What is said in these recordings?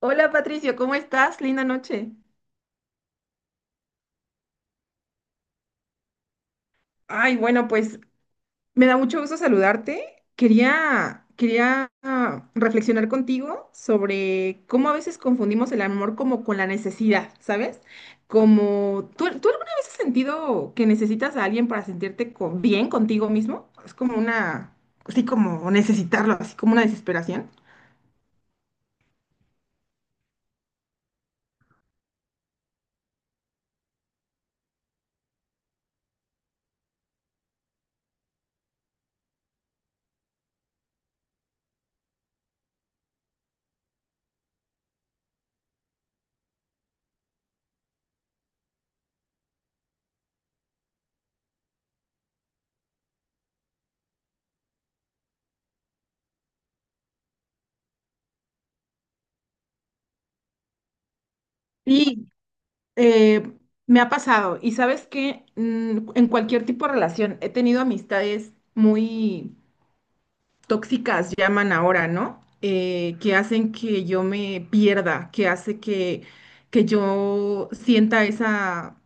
Hola Patricio, ¿cómo estás? Linda noche. Ay, bueno, pues me da mucho gusto saludarte. Quería reflexionar contigo sobre cómo a veces confundimos el amor como con la necesidad, ¿sabes? Como, ¿tú alguna vez has sentido que necesitas a alguien para sentirte bien contigo mismo? Es como una, así como necesitarlo, así como una desesperación. Sí. Eh, me ha pasado, y sabes que en cualquier tipo de relación he tenido amistades muy tóxicas, llaman ahora, ¿no? Que hacen que yo me pierda, que hace que yo sienta esa,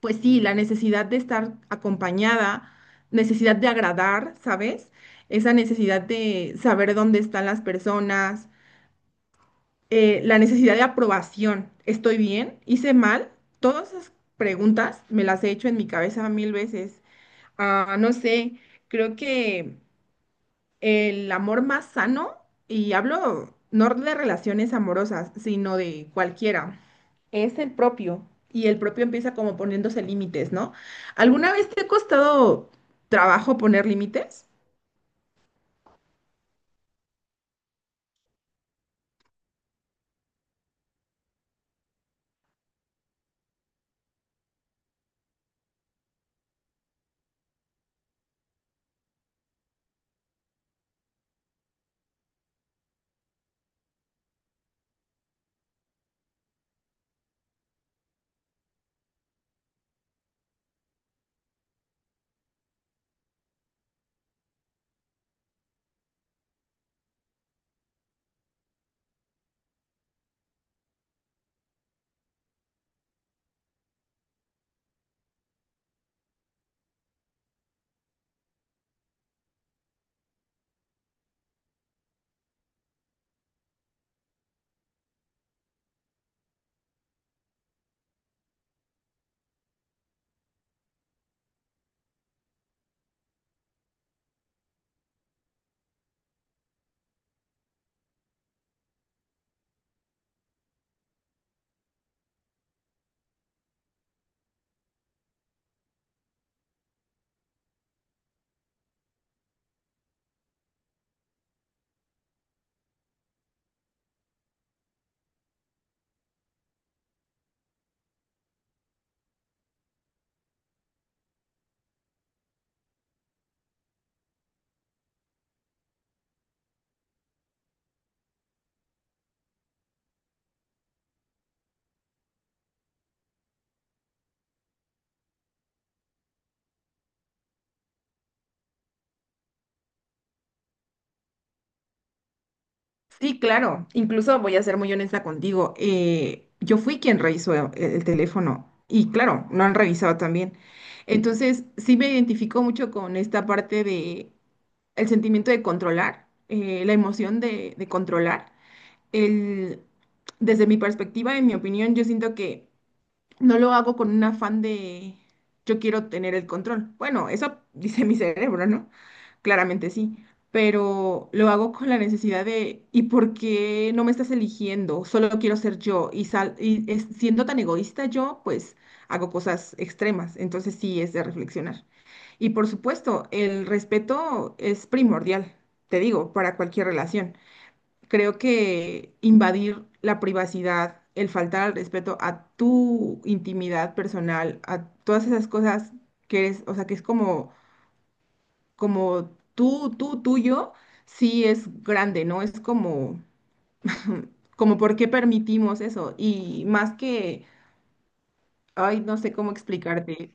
pues sí, la necesidad de estar acompañada, necesidad de agradar, ¿sabes? Esa necesidad de saber dónde están las personas, la necesidad de aprobación. ¿Estoy bien? ¿Hice mal? Todas esas preguntas me las he hecho en mi cabeza mil veces. No sé, creo que el amor más sano, y hablo no de relaciones amorosas, sino de cualquiera, es el propio. Y el propio empieza como poniéndose límites, ¿no? ¿Alguna vez te ha costado trabajo poner límites? Sí, claro. Incluso voy a ser muy honesta contigo. Yo fui quien revisó el teléfono y claro, no han revisado también. Entonces, sí me identifico mucho con esta parte de el sentimiento de controlar, la emoción de controlar. El, desde mi perspectiva, en mi opinión, yo siento que no lo hago con un afán de yo quiero tener el control. Bueno, eso dice mi cerebro, ¿no? Claramente sí, pero lo hago con la necesidad de ¿y por qué no me estás eligiendo? Solo quiero ser yo y, siendo tan egoísta yo, pues hago cosas extremas. Entonces sí es de reflexionar. Y por supuesto, el respeto es primordial, te digo, para cualquier relación. Creo que invadir la privacidad, el faltar al respeto a tu intimidad personal, a todas esas cosas que eres, o sea, que es como, como tú, tuyo, sí es grande, ¿no? Es como por qué permitimos eso. Y más que, ay, no sé cómo explicarte.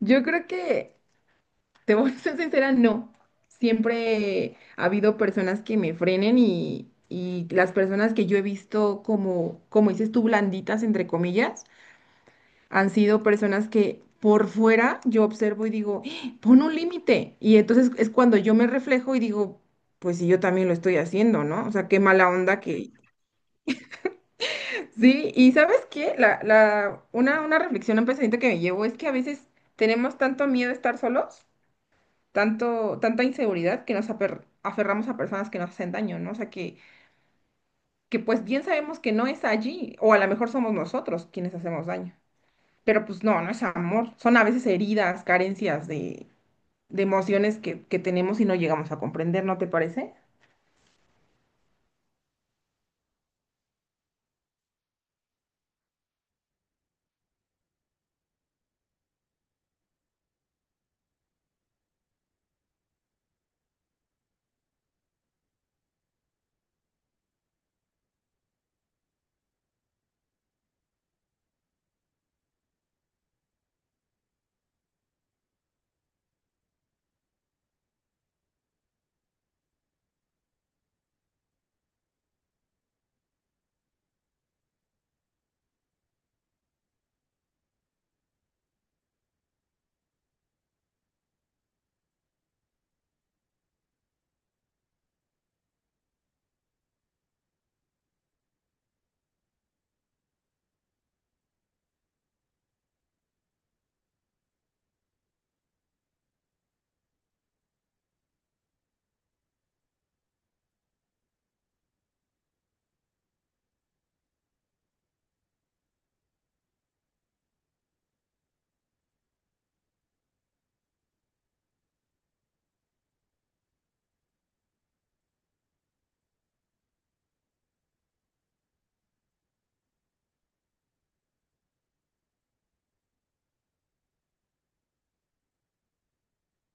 Yo creo que Te voy a ser sincera, no. Siempre ha habido personas que me frenen y las personas que yo he visto como dices tú, blanditas, entre comillas, han sido personas que por fuera yo observo y digo, "Ah, pon un límite". Y entonces es cuando yo me reflejo y digo, pues sí, yo también lo estoy haciendo, ¿no? O sea, qué mala onda que... Sí, y ¿sabes qué? Una reflexión, un pensamiento que me llevo es que a veces tenemos tanto miedo a estar solos, tanto, tanta inseguridad que nos aferramos a personas que nos hacen daño, ¿no? O sea, que pues bien sabemos que no es allí, o a lo mejor somos nosotros quienes hacemos daño, pero pues no, no es amor, son a veces heridas, carencias de emociones que tenemos y no llegamos a comprender, ¿no te parece?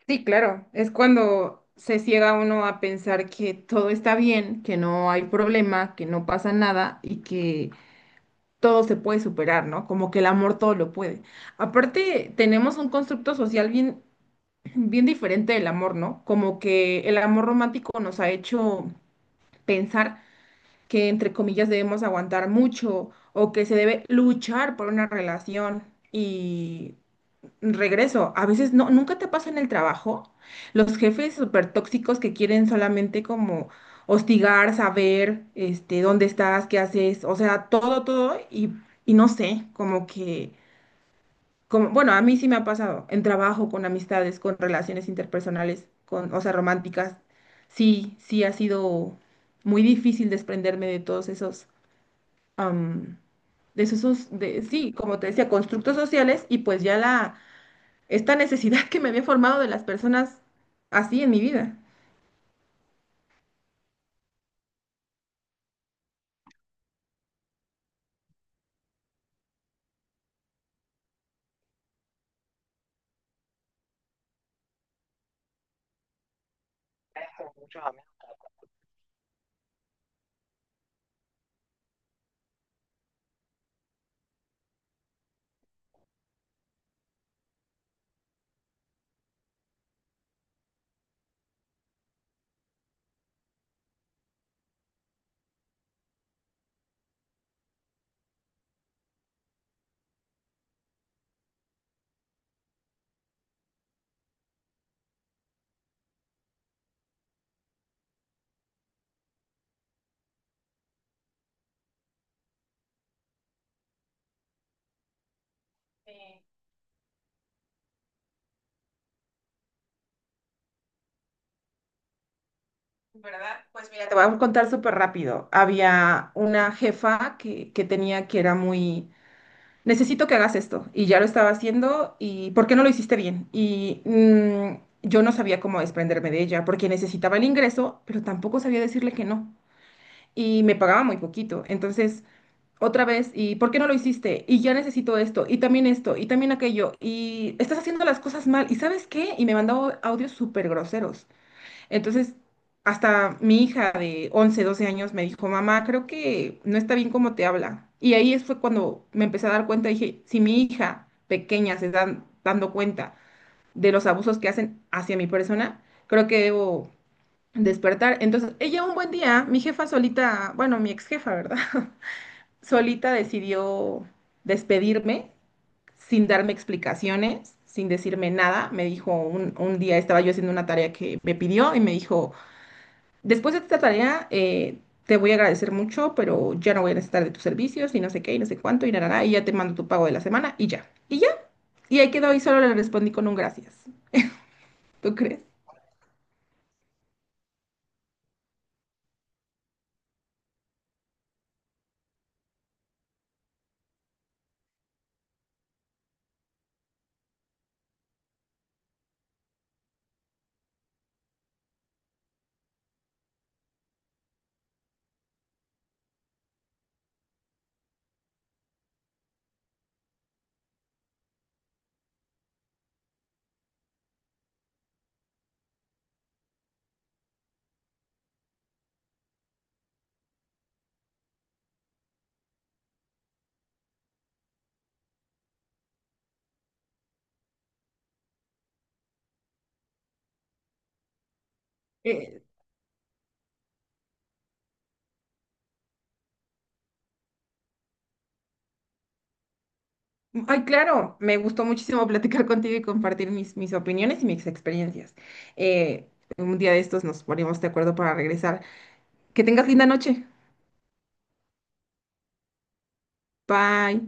Sí, claro, es cuando se ciega uno a pensar que todo está bien, que no hay problema, que no pasa nada y que todo se puede superar, ¿no? Como que el amor todo lo puede. Aparte, tenemos un constructo social bien bien diferente del amor, ¿no? Como que el amor romántico nos ha hecho pensar que, entre comillas, debemos aguantar mucho o que se debe luchar por una relación. Y regreso, a veces no, nunca te pasa en el trabajo los jefes súper tóxicos que quieren solamente como hostigar, saber, este, dónde estás, qué haces, o sea, todo, todo y no sé, como que... Como, bueno, a mí sí me ha pasado en trabajo, con amistades, con relaciones interpersonales, con, o sea, románticas. Sí, sí ha sido muy difícil desprenderme de todos esos, am, de esos, de, sí, como te decía, constructos sociales y pues ya la, esta necesidad que me había formado de las personas así en mi vida. Sí, ¿verdad? Pues mira, te voy a contar súper rápido. Había una jefa que tenía que era muy... necesito que hagas esto. Y ya lo estaba haciendo y ¿por qué no lo hiciste bien? Y yo no sabía cómo desprenderme de ella porque necesitaba el ingreso, pero tampoco sabía decirle que no. Y me pagaba muy poquito. Entonces, otra vez, ¿y por qué no lo hiciste? Y ya necesito esto, y también aquello. Y estás haciendo las cosas mal. ¿Y sabes qué? Y me mandó audios súper groseros. Entonces, hasta mi hija de 11 12 años me dijo, mamá, creo que no está bien cómo te habla. Y ahí fue cuando me empecé a dar cuenta, dije, si mi hija pequeña se está dando cuenta de los abusos que hacen hacia mi persona, creo que debo despertar. Entonces, ella un buen día, mi jefa solita, bueno, mi ex jefa, ¿verdad? Solita decidió despedirme sin darme explicaciones, sin decirme nada. Me dijo, un día estaba yo haciendo una tarea que me pidió y me dijo, después de esta tarea, te voy a agradecer mucho, pero ya no voy a necesitar de tus servicios y no sé qué y no sé cuánto y nada, y ya te mando tu pago de la semana y ya. Y ya. Y ahí quedó y solo le respondí con un gracias. ¿Tú crees? Eh, ay, claro, me gustó muchísimo platicar contigo y compartir mis opiniones y mis experiencias. Eh, un día de estos nos ponemos de acuerdo para regresar. Que tengas linda noche. Bye.